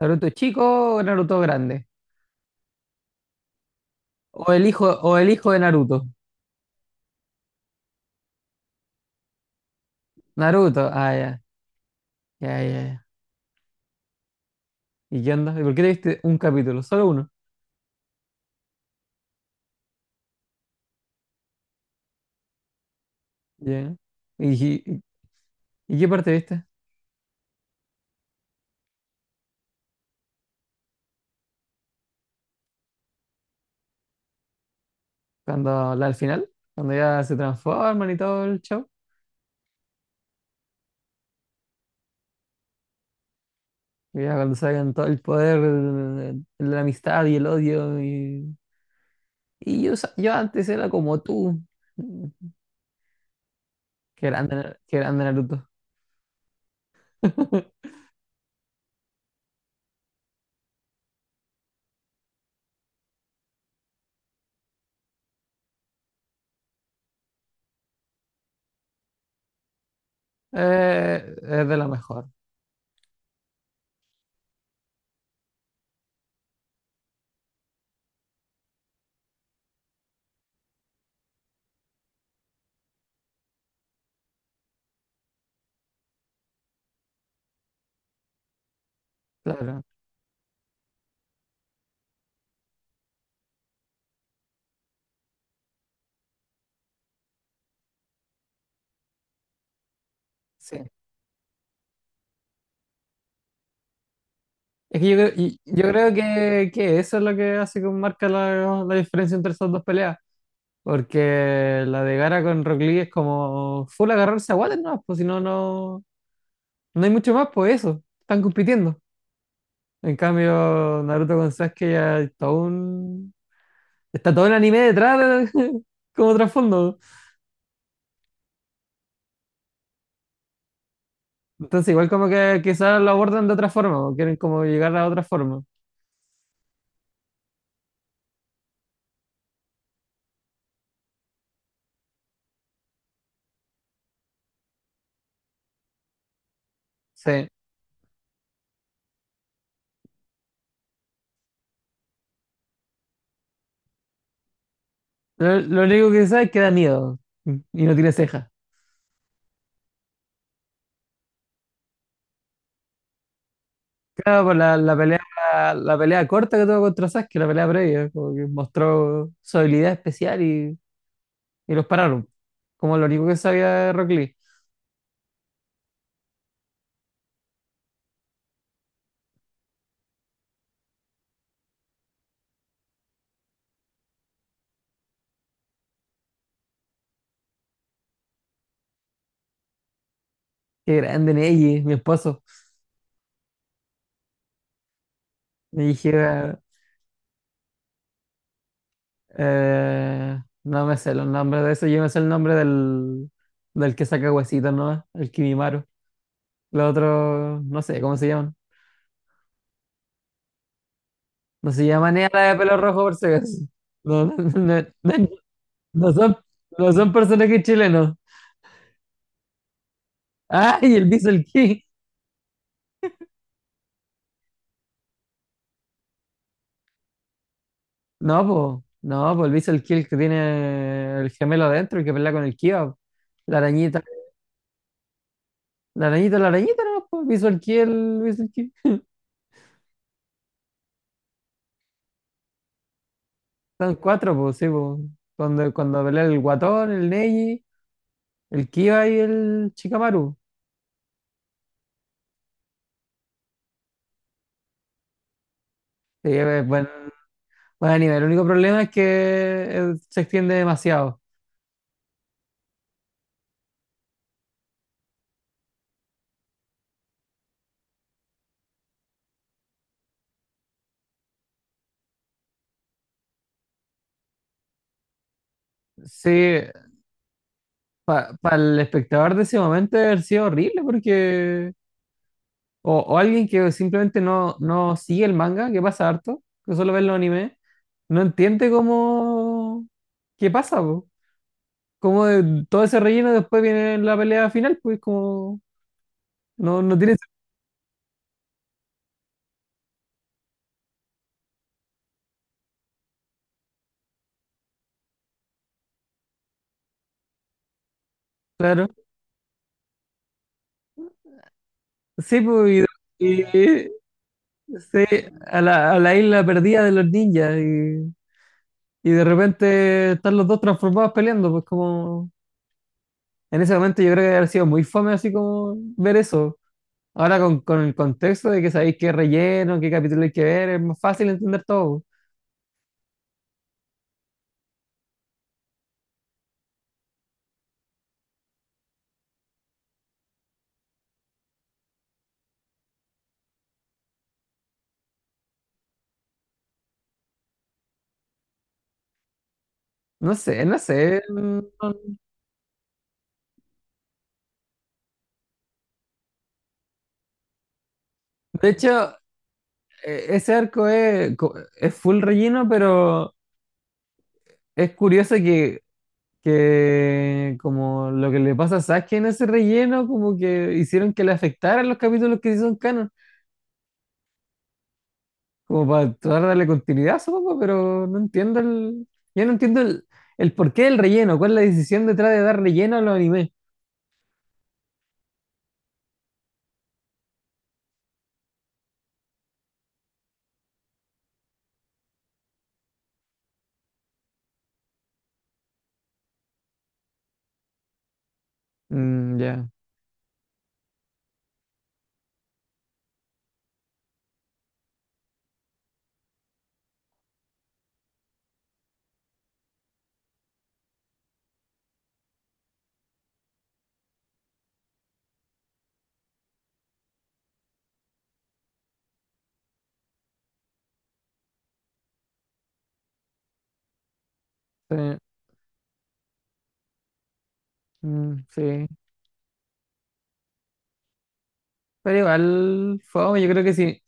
¿Naruto chico o Naruto grande? O el hijo de Naruto. Naruto, ya, ya. ¿Y qué onda? ¿Y por qué te viste un capítulo? Solo uno. Ya. ¿Y, y- y qué parte viste? Cuando la al final, cuando ya se transforman y todo el show. Y ya cuando sacan todo el poder, de la amistad y el odio. Y yo antes era como tú. Qué grande, qué grande Naruto. Es de lo mejor, claro. Sí. Es que yo creo, yo creo que eso es lo que hace que marca la diferencia entre esas dos peleas. Porque la de Gara con Rock Lee es como full agarrarse a guates, no, pues si no hay mucho más, pues eso, están compitiendo. En cambio, Naruto con Sasuke ya hay está todo el anime como trasfondo. Entonces, igual como que quizás lo abordan de otra forma, o quieren como llegar a otra forma. Sí. Lo único que sé es que da miedo y no tiene cejas. Claro, por la pelea, la pelea corta que tuvo contra Sasuke, la pelea previa, como que mostró su habilidad especial y los pararon. Como lo único que sabía de Rock Lee. Qué grande Neji, mi esposo. Me dije, no me sé los nombres de eso, yo me sé el nombre del que saca huesitos, ¿no? El Kimimaro. Los otros, no sé, ¿cómo se llaman? No se llaman ni a la de pelo rojo por si acaso. No, no son, no son personajes chilenos. ¡Ay, el Diesel King! No, pues, no, pues el Visual Kill que tiene el gemelo adentro, y que pelea con el Kiva, la arañita, no, pues Visual Kill, Visual Kill. Son cuatro, pues, sí, pues. Cuando pelea el Guatón, el Neji, el Kiva y el Shikamaru. Sí, es buen, buen anime. El único problema es que se extiende demasiado. Sí, para el espectador de ese momento debe haber sido horrible, porque. O alguien que simplemente no sigue el manga, que pasa harto, que solo ve los animes no entiende cómo, qué pasa, po. Todo ese relleno después viene en la pelea final, pues como, no, no tiene sentido, claro. Sí, pues, y, y- sí, a la isla perdida de los ninjas, y de repente están los dos transformados peleando, pues como, en ese momento yo creo que habría sido muy fome así como ver eso. Ahora con el contexto de que sabéis qué relleno, qué capítulo hay que ver, es más fácil entender todo. No sé, no sé. Mm, no- De hecho, ese arco es full relleno, pero es curioso que como lo que le pasa a Sasuke en ese relleno, como que hicieron que le afectaran los capítulos que sí son canon, como para tratar de darle continuidad, supongo, pero no entiendo el porqué del relleno, cuál es la decisión detrás de dar relleno a los animes. Mm, ya, sí, mm, sí. Pero igual, fue, yo creo que sí.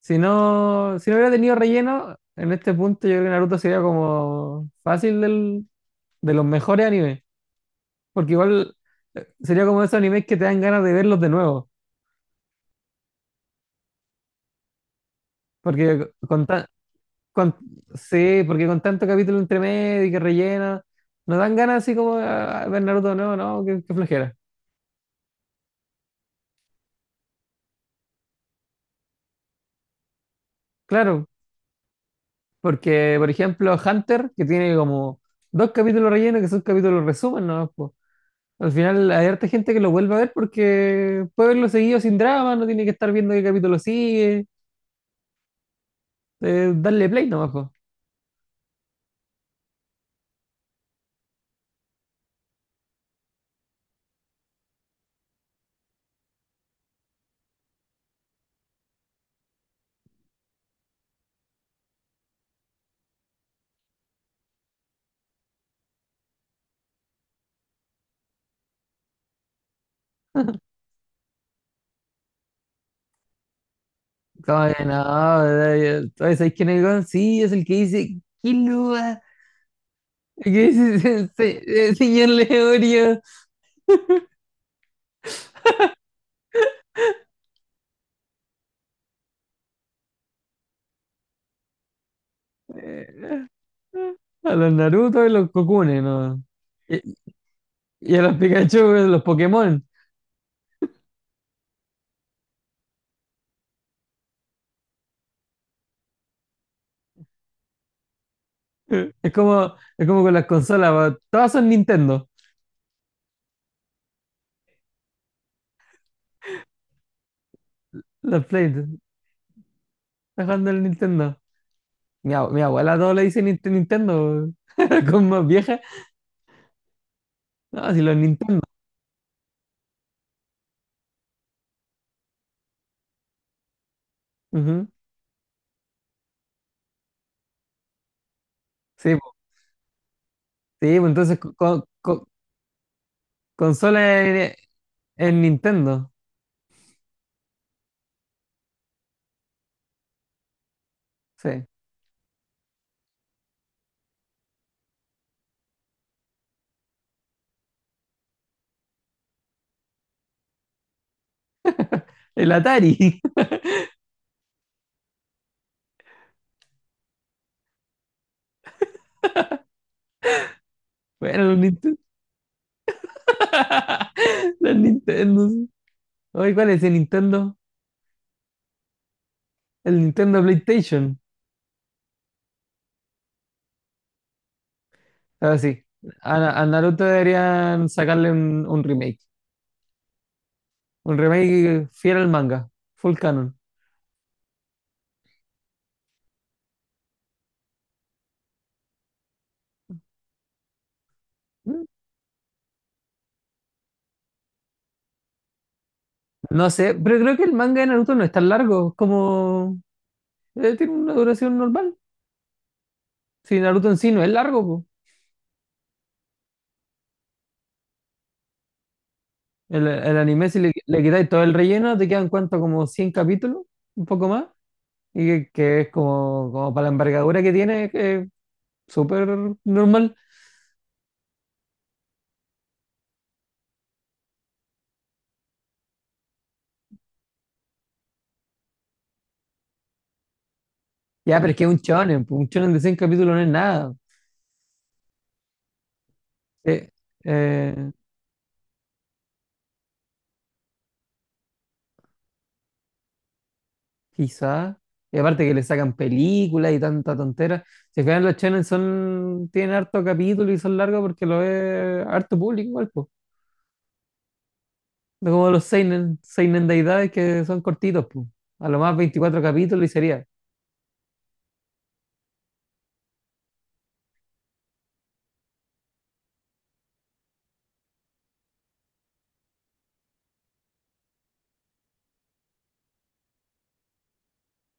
Si no, si no hubiera tenido relleno, en este punto yo creo que Naruto sería como fácil de los mejores animes. Porque igual sería como esos animes que te dan ganas de verlos de nuevo. Porque con, tan- con, sí, porque con tanto capítulo entre medio y que rellena, nos dan ganas así como a, ver Naruto de nuevo, ¿no? Qué, qué flojera. Claro, porque por ejemplo Hunter, que tiene como dos capítulos rellenos que son capítulos resumen, ¿no? Al final hay harta gente que lo vuelve a ver porque puede verlo seguido sin drama, no tiene que estar viendo qué capítulo sigue, darle play nomás, po. Como que no, ¿sabes quién es el weón? Sí, es el que dice, ¿qué luba? ¿Qué dice señor Leorio? Eh, a los Naruto y los Kokunes, ¿no? Y, y a los Pikachu, los Pokémon. Es como con las consolas, po. Todas son Nintendo. Los Play, está jugando el Nintendo. Mi abuela todo le dice Nintendo, po. Con más vieja. No, si los Nintendo. Ujú. Sí, po. Sí, po, entonces consola en, en Nintendo. Sí. El Atari. Bueno, los Nintendo. Los Nintendo. Sí. Oye, ¿cuál es el Nintendo? El Nintendo PlayStation. Ah, sí. A Naruto deberían sacarle un remake. Un remake fiel al manga. Full canon. Mm. No sé, pero creo que el manga de Naruto no es tan largo. Es como tiene una duración normal. Si Naruto en sí no es largo, el anime, si le quitáis todo el relleno, te quedan cuánto, como 100 capítulos, un poco más, que es como, como para la envergadura que tiene, que es súper normal. Ya, pero es que es un shonen, pues, un shonen de 100 capítulos no es nada. Eh, eh, quizás, y aparte que le sacan películas y tanta tontera. Si fijan, los shonen son, tienen harto capítulo y son largos porque lo ve harto público igual, pues. No como los seinen, seinen de edades que son cortitos, pues. A lo más 24 capítulos y sería.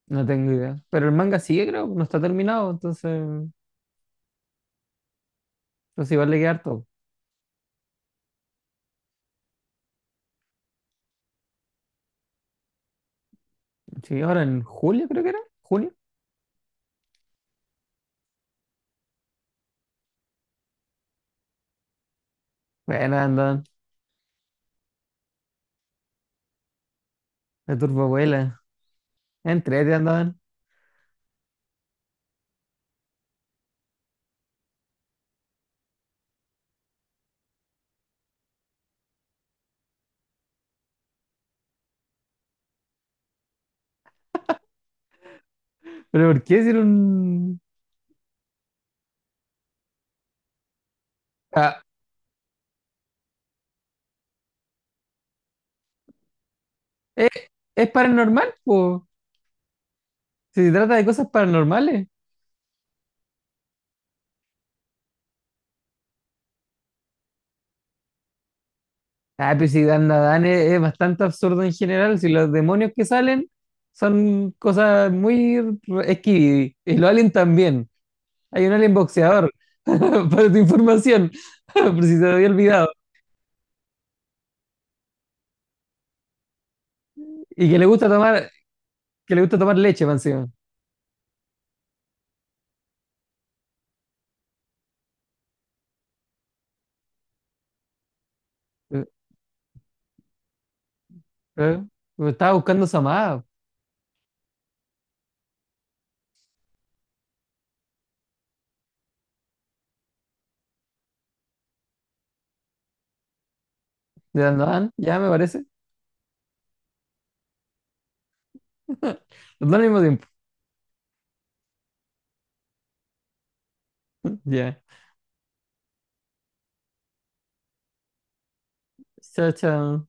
No tengo idea. Pero el manga sigue, creo, no está terminado, entonces, pues igual le queda harto. Sí, ahora en julio creo que era, junio. Bueno, andaban, la turboabuela, entrete andaban. Pero ¿por qué hicieron...? Ah, ¿es, es paranormal, po? Si se trata de cosas paranormales. Ah, pero si Dan Dan es bastante absurdo en general, si los demonios que salen son cosas muy re- esquivy, y los aliens también. Hay un alien boxeador, para tu información, por si se te había olvidado. Y que le gusta tomar leche, más encima. Eh, eh, me estaba buscando Samá de Dan Dan, ya me parece. Los dos al mismo tiempo. Ya. Chao, chao.